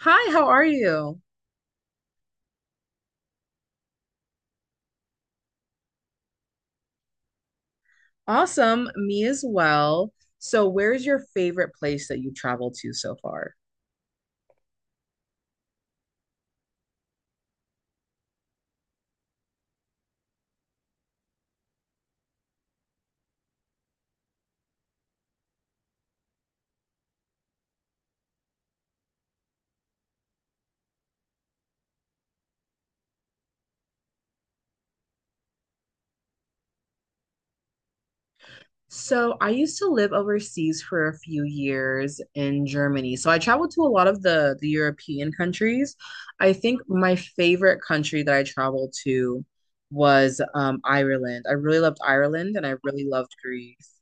Hi, how are you? Awesome, me as well. So, where's your favorite place that you traveled to so far? So, I used to live overseas for a few years in Germany. So, I traveled to a lot of the European countries. I think my favorite country that I traveled to was Ireland. I really loved Ireland and I really loved Greece.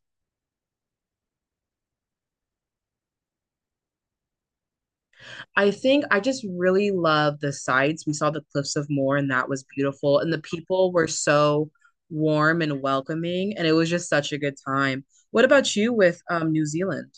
I think I just really love the sights. We saw the Cliffs of Moher, and that was beautiful. And the people were so warm and welcoming, and it was just such a good time. What about you with New Zealand?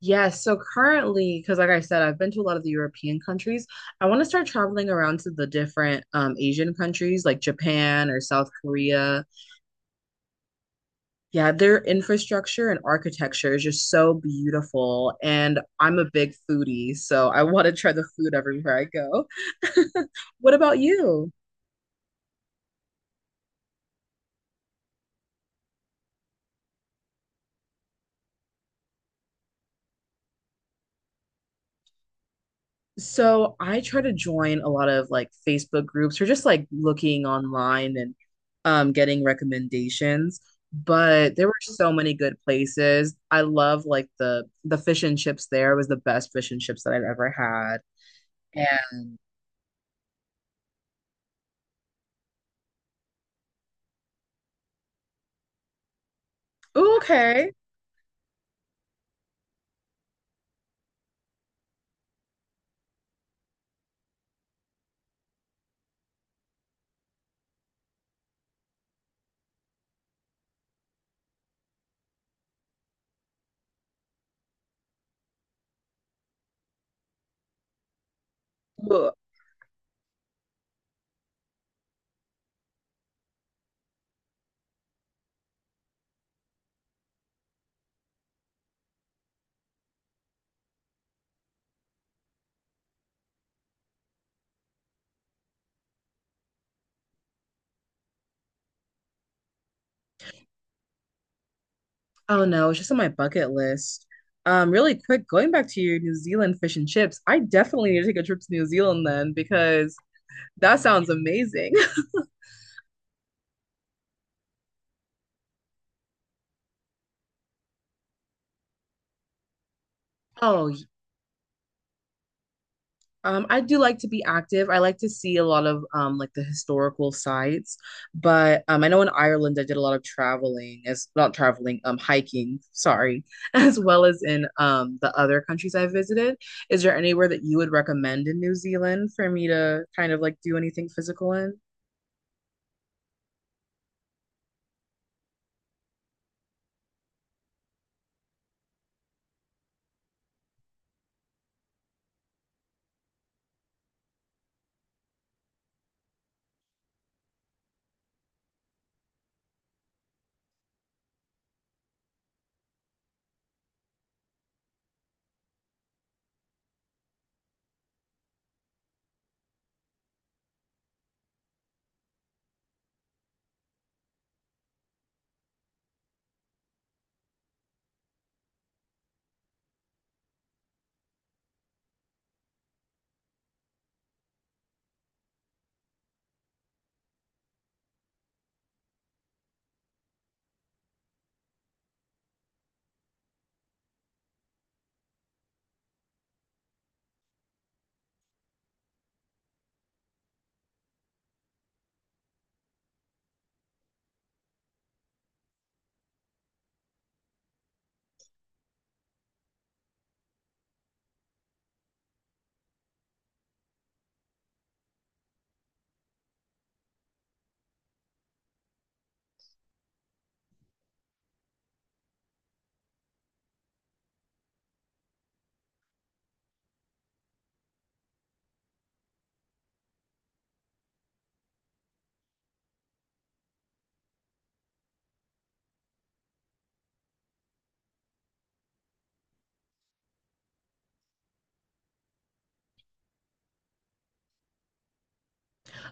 Yes, so currently, because like I said, I've been to a lot of the European countries. I want to start traveling around to the different Asian countries like Japan or South Korea. Yeah, their infrastructure and architecture is just so beautiful. And I'm a big foodie, so I want to try the food everywhere I go. What about you? So I try to join a lot of like Facebook groups or just like looking online and getting recommendations. But there were so many good places. I love like the fish and chips. There was the best fish and chips that I've ever had. And Ooh, okay. Oh no, it's just on my bucket list. Really quick, going back to your New Zealand fish and chips, I definitely need to take a trip to New Zealand then because that sounds amazing. Oh, y- I do like to be active. I like to see a lot of like the historical sites, but I know in Ireland I did a lot of traveling as not traveling, hiking, sorry, as well as in the other countries I visited. Is there anywhere that you would recommend in New Zealand for me to kind of like do anything physical in?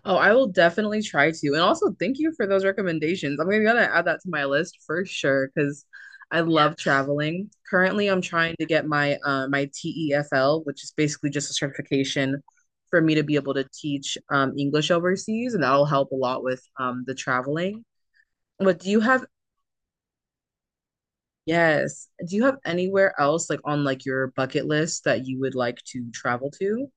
Oh, I will definitely try to. And also, thank you for those recommendations. I'm gonna gotta add that to my list for sure because I. Yeah, love traveling. Currently, I'm trying to get my TEFL, which is basically just a certification for me to be able to teach English overseas, and that'll help a lot with the traveling. But do you have, Yes, do you have anywhere else like on like your bucket list that you would like to travel to?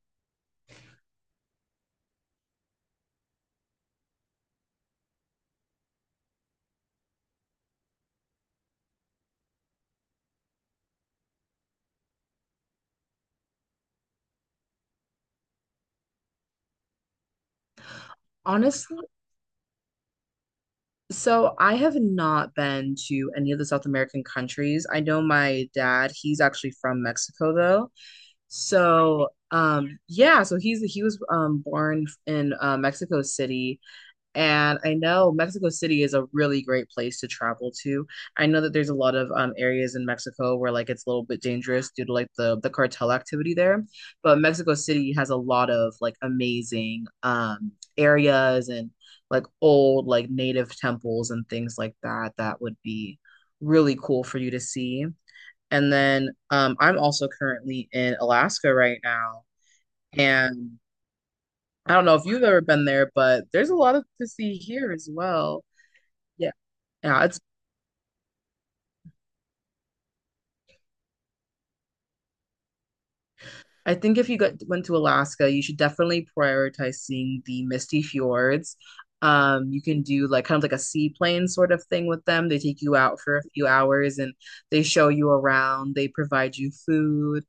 Honestly, so I have not been to any of the South American countries. I know my dad, he's actually from Mexico though. So yeah, so he was born in Mexico City, and I know Mexico City is a really great place to travel to. I know that there's a lot of areas in Mexico where like it's a little bit dangerous due to like the cartel activity there, but Mexico City has a lot of like amazing areas and like old like native temples and things like that that would be really cool for you to see. And then I'm also currently in Alaska right now, and I don't know if you've ever been there, but there's a lot of to see here as well. Yeah, yeah, it's I think if you got went to Alaska, you should definitely prioritize seeing the misty fjords. You can do like kind of like a seaplane sort of thing with them. They take you out for a few hours and they show you around, they provide you food.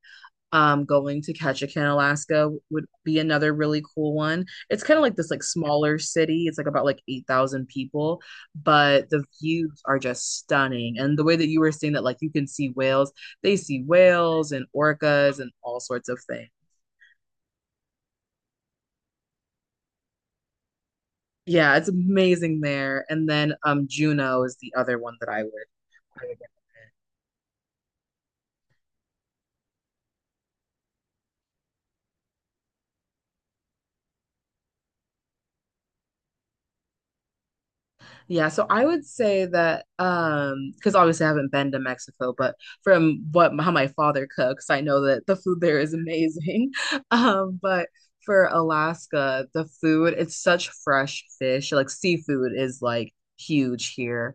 Going to Ketchikan, Alaska would be another really cool one. It's kind of like this like smaller city. It's like about like 8,000 people, but the views are just stunning. And the way that you were saying that like you can see whales, they see whales and orcas and all sorts of things. Yeah, it's amazing there. And then Juneau is the other one that I would Yeah, so I would say that because obviously I haven't been to Mexico, but from what how my father cooks, I know that the food there is amazing. But for Alaska, the food, it's such fresh fish. Like seafood is like huge here.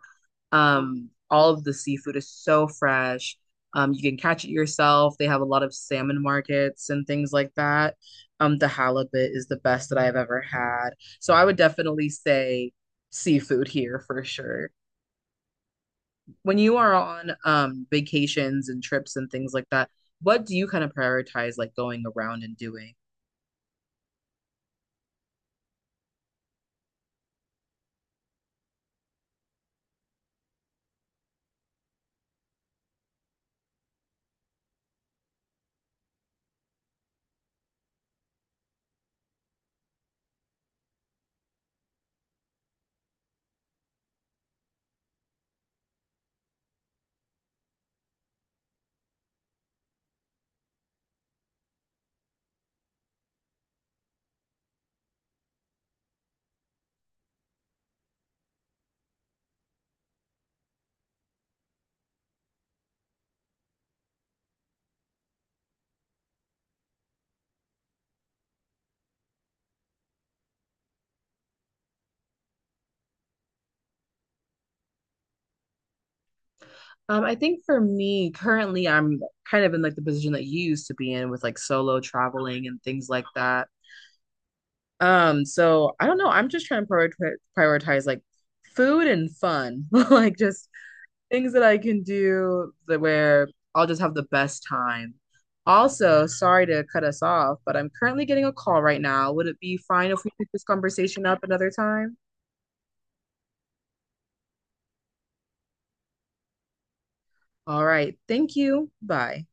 All of the seafood is so fresh. You can catch it yourself. They have a lot of salmon markets and things like that. The halibut is the best that I've ever had. So I would definitely say seafood here for sure. When you are on vacations and trips and things like that, what do you kind of prioritize like going around and doing? I think for me, currently I'm kind of in like the position that you used to be in with like solo traveling and things like that. So I don't know. I'm just trying to prioritize like food and fun, like just things that I can do that where I'll just have the best time. Also, sorry to cut us off, but I'm currently getting a call right now. Would it be fine if we pick this conversation up another time? All right. Thank you. Bye.